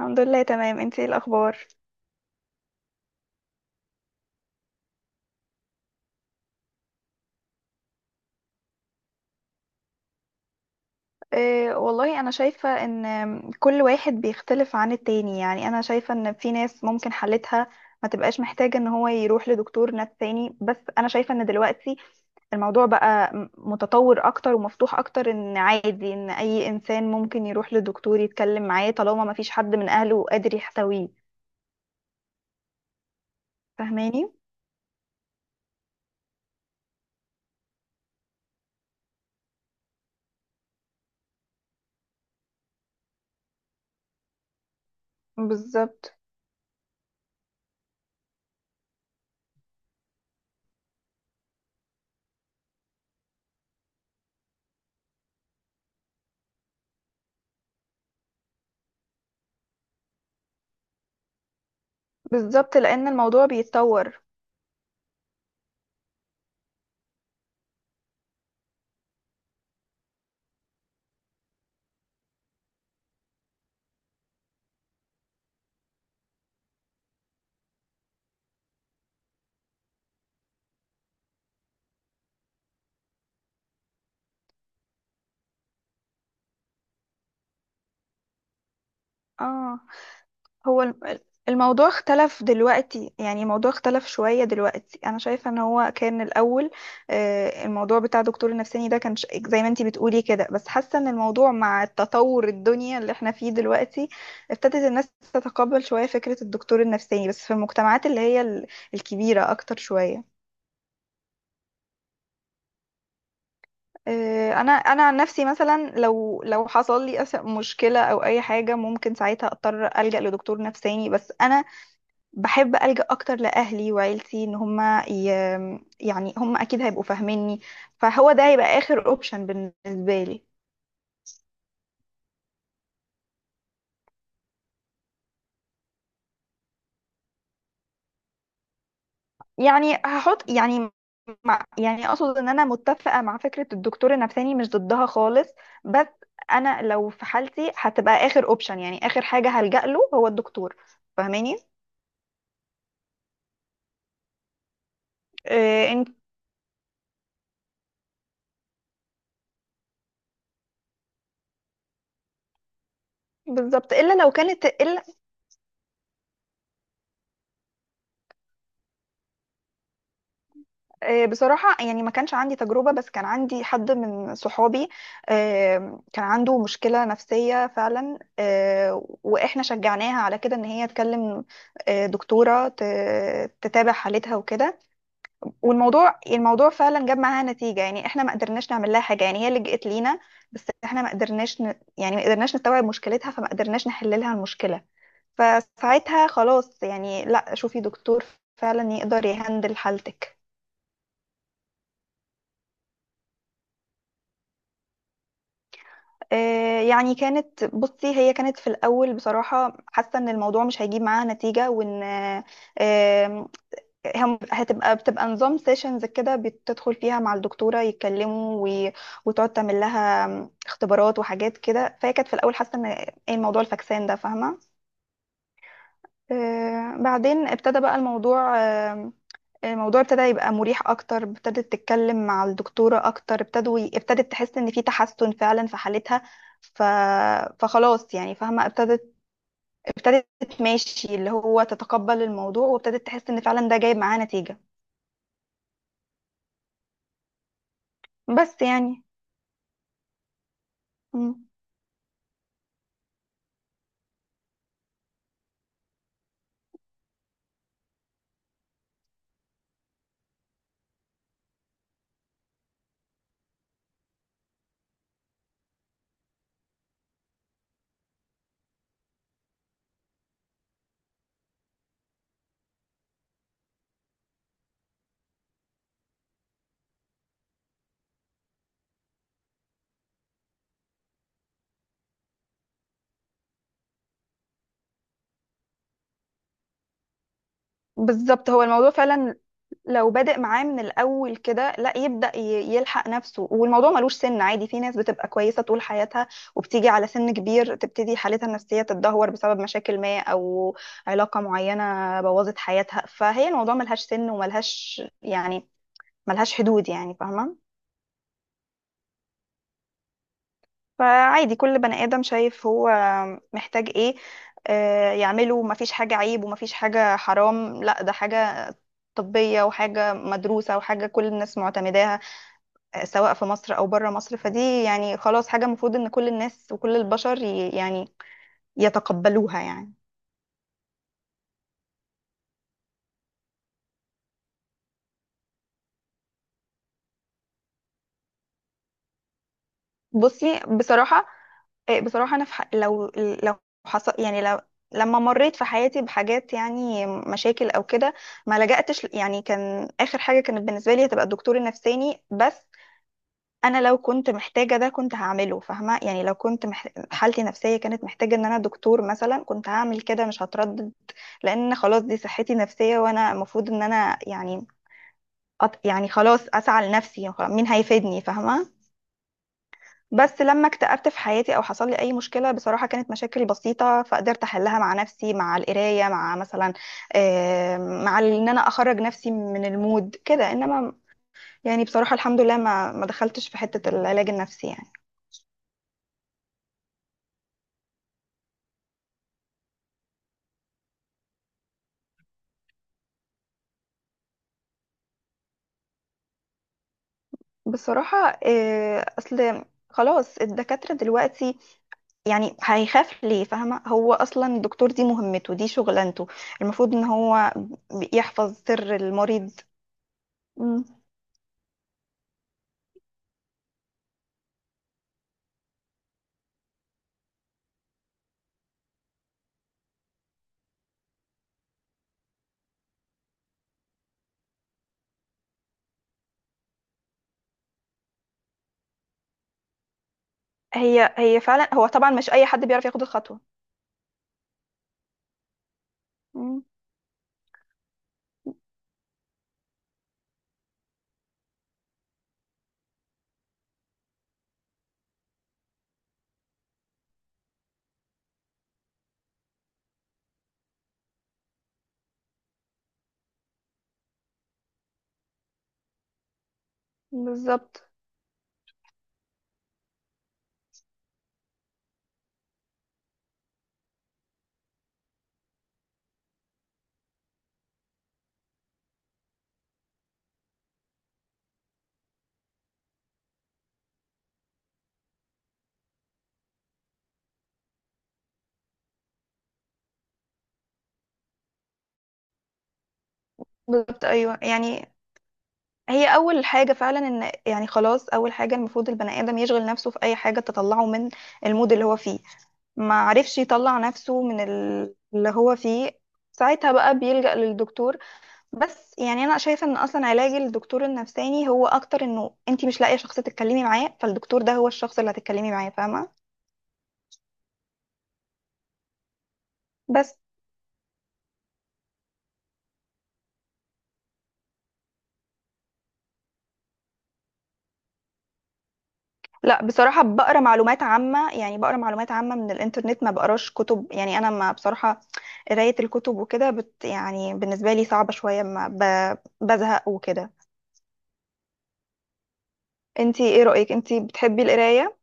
الحمد لله، تمام. انتي ايه الاخبار؟ اه، والله انا شايفة ان كل واحد بيختلف عن التاني. يعني انا شايفة ان في ناس ممكن حالتها ما تبقاش محتاجة ان هو يروح لدكتور نفس تاني. بس انا شايفة ان دلوقتي الموضوع بقى متطور اكتر ومفتوح اكتر، ان عادي ان اي انسان ممكن يروح لدكتور يتكلم معاه طالما ما فيش حد من اهله قادر يحتويه. فاهماني؟ بالظبط. بالظبط، لان الموضوع بيتطور. اه، هو الم- الموضوع اختلف دلوقتي. يعني الموضوع اختلف شوية دلوقتي. أنا شايفة إن هو كان الأول، الموضوع بتاع دكتور النفساني ده كان زي ما انتي بتقولي كده، بس حاسة إن الموضوع مع التطور الدنيا اللي احنا فيه دلوقتي ابتدت الناس تتقبل شوية فكرة الدكتور النفساني، بس في المجتمعات اللي هي الكبيرة أكتر شوية. انا عن نفسي مثلا لو حصل لي مشكله او اي حاجه ممكن ساعتها اضطر الجا لدكتور نفساني، بس انا بحب ألجأ أكتر لأهلي وعيلتي. إن يعني هما أكيد هيبقوا فاهميني. فهو ده هيبقى آخر أوبشن بالنسبة لي. يعني هحط يعني يعني أقصد إن أنا متفقة مع فكرة الدكتور النفساني، مش ضدها خالص. بس أنا لو في حالتي هتبقى آخر أوبشن، يعني آخر حاجة هلجأ له هو الدكتور. فاهماني؟ إيه انت. بالظبط، إلا لو كانت إلا. بصراحة يعني ما كانش عندي تجربة، بس كان عندي حد من صحابي، كان عنده مشكلة نفسية فعلا. وإحنا شجعناها على كده إن هي تكلم دكتورة تتابع حالتها وكده. والموضوع فعلا جاب معاها نتيجة. يعني إحنا ما قدرناش نعمل لها حاجة، يعني هي لجأت لينا بس إحنا ما قدرناش يعني ما قدرناش نستوعب مشكلتها، فما قدرناش نحل لها المشكلة. فساعتها خلاص يعني لا، شوفي دكتور فعلا يقدر يهندل حالتك. يعني كانت بصي، هي كانت في الأول بصراحة حاسة إن الموضوع مش هيجيب معاها نتيجة، وإن آم، بتبقى نظام سيشنز كده، بتدخل فيها مع الدكتورة يتكلموا و- وتقعد تعمل لها اختبارات وحاجات كده. فهي كانت في الأول حاسة إن إيه الموضوع الفكسان ده، فاهمة. بعدين ابتدى بقى الموضوع. الموضوع ابتدى يبقى مريح اكتر، ابتدت تتكلم مع الدكتورة اكتر، ابتدت تحس ان في تحسن فعلا في حالتها. ف... فخلاص يعني فاهمة، ابتدت ماشي اللي هو تتقبل الموضوع وابتدت تحس ان فعلا ده جايب معاه نتيجة. بس يعني. مم. بالظبط، هو الموضوع فعلا لو بادئ معاه من الأول كده لا يبدأ يلحق نفسه، والموضوع ملوش سن. عادي في ناس بتبقى كويسة طول حياتها وبتيجي على سن كبير تبتدي حالتها النفسية تتدهور بسبب مشاكل ما أو علاقة معينة بوظت حياتها. فهي الموضوع ملهاش سن وملهاش يعني ملهاش حدود، يعني فاهمة. فعادي كل بني آدم شايف هو محتاج إيه يعمله، مفيش حاجة عيب ومفيش حاجة حرام، لا ده حاجة طبية وحاجة مدروسة وحاجة كل الناس معتمداها، سواء في مصر او بره مصر. فدي يعني خلاص حاجه المفروض ان كل الناس وكل البشر يعني يتقبلوها يعني. بصي، بصراحه. بصراحه انا في لو حصل يعني لما مريت في حياتي بحاجات، يعني مشاكل او كده، ما لجأتش يعني كان اخر حاجه كانت بالنسبه لي هتبقى الدكتور النفساني. بس انا لو كنت محتاجه ده كنت هعمله، فاهمه. يعني لو كنت حالتي النفسيه كانت محتاجه ان انا دكتور مثلا كنت هعمل كده، مش هتردد. لان خلاص دي صحتي النفسيه، وانا المفروض ان انا يعني يعني خلاص اسعى لنفسي، خلاص مين هيفيدني، فاهمه. بس لما اكتئبت في حياتي او حصل لي اي مشكله، بصراحه كانت مشاكل بسيطه فقدرت احلها مع نفسي، مع القرايه، مع مثلا مع ان انا اخرج نفسي من المود كده، انما يعني بصراحه الحمد لله ما دخلتش في حته العلاج النفسي يعني. بصراحة أصل خلاص الدكاترة دلوقتي، يعني هيخاف ليه؟ فاهمة، هو أصلا الدكتور دي مهمته، دي شغلانته، المفروض إن هو يحفظ سر المريض. مم. هي فعلا، هو طبعا مش أي حد بيعرف ياخد الخطوة. مم. بالظبط. بالظبط، أيوه يعني. هي اول حاجه فعلا ان يعني خلاص اول حاجه المفروض البني ادم يشغل نفسه في اي حاجه تطلعه من المود اللي هو فيه. ما عرفش يطلع نفسه من اللي هو فيه ساعتها بقى بيلجأ للدكتور. بس يعني انا شايفه ان اصلا علاج الدكتور النفساني هو اكتر انه انت مش لاقيه شخص تتكلمي معاه، فالدكتور ده هو الشخص اللي هتتكلمي معاه، فاهمه. بس. لا بصراحة بقرا معلومات عامة، يعني بقرا معلومات عامة من الإنترنت، ما بقراش كتب. يعني أنا، ما بصراحة، قراية الكتب وكده يعني بالنسبة لي صعبة شوية، ما ب... بزهق وكده. انتي ايه رأيك، انتي بتحبي القراية؟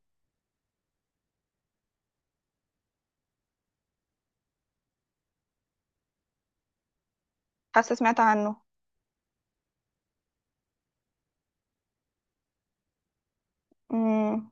حاسة سمعت عنه. امم.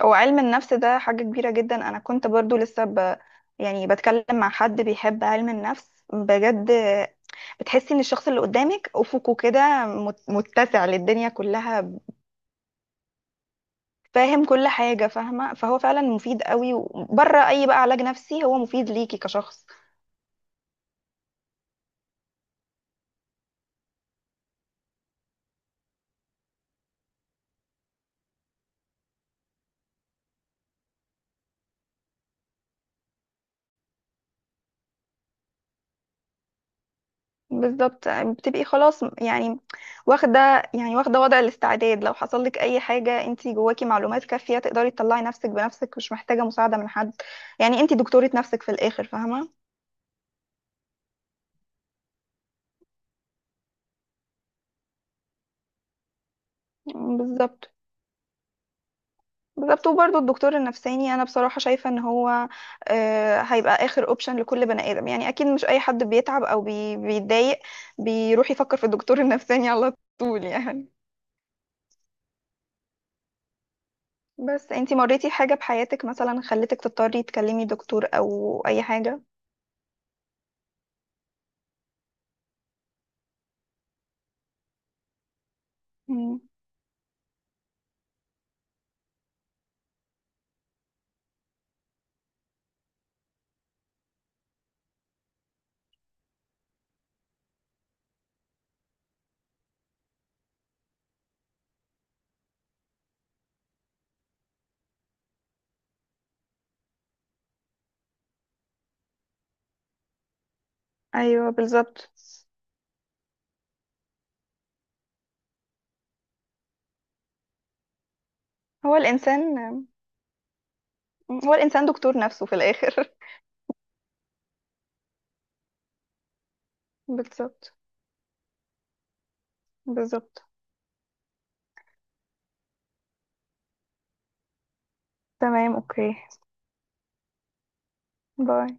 هو علم النفس ده حاجة كبيرة جدا. أنا كنت برضو لسه يعني بتكلم مع حد بيحب علم النفس بجد، بتحسي ان الشخص اللي قدامك افقه كده متسع للدنيا كلها، فاهم كل حاجة، فاهمة. فهو فعلا مفيد قوي، وبره أي بقى علاج نفسي هو مفيد ليكي كشخص. بالظبط. بتبقي خلاص يعني واخدة، يعني واخدة وضع الاستعداد. لو حصل لك أي حاجة انتي جواكي معلومات كافية تقدري تطلعي نفسك بنفسك، مش محتاجة مساعدة من حد. يعني انتي دكتورة نفسك في الآخر، فاهمة. بالظبط. بالظبط، وبرضه الدكتور النفساني انا بصراحه شايفه ان هو هيبقى اخر اوبشن لكل بني ادم. يعني اكيد مش اي حد بيتعب او بيتضايق بيروح يفكر في الدكتور النفساني على طول يعني. بس انتي مريتي حاجه بحياتك مثلا خلتك تضطري تكلمي دكتور او اي حاجه؟ مم. ايوه بالظبط. هو الانسان هو الانسان دكتور نفسه في الاخر. بالظبط. بالظبط. تمام، اوكي، باي.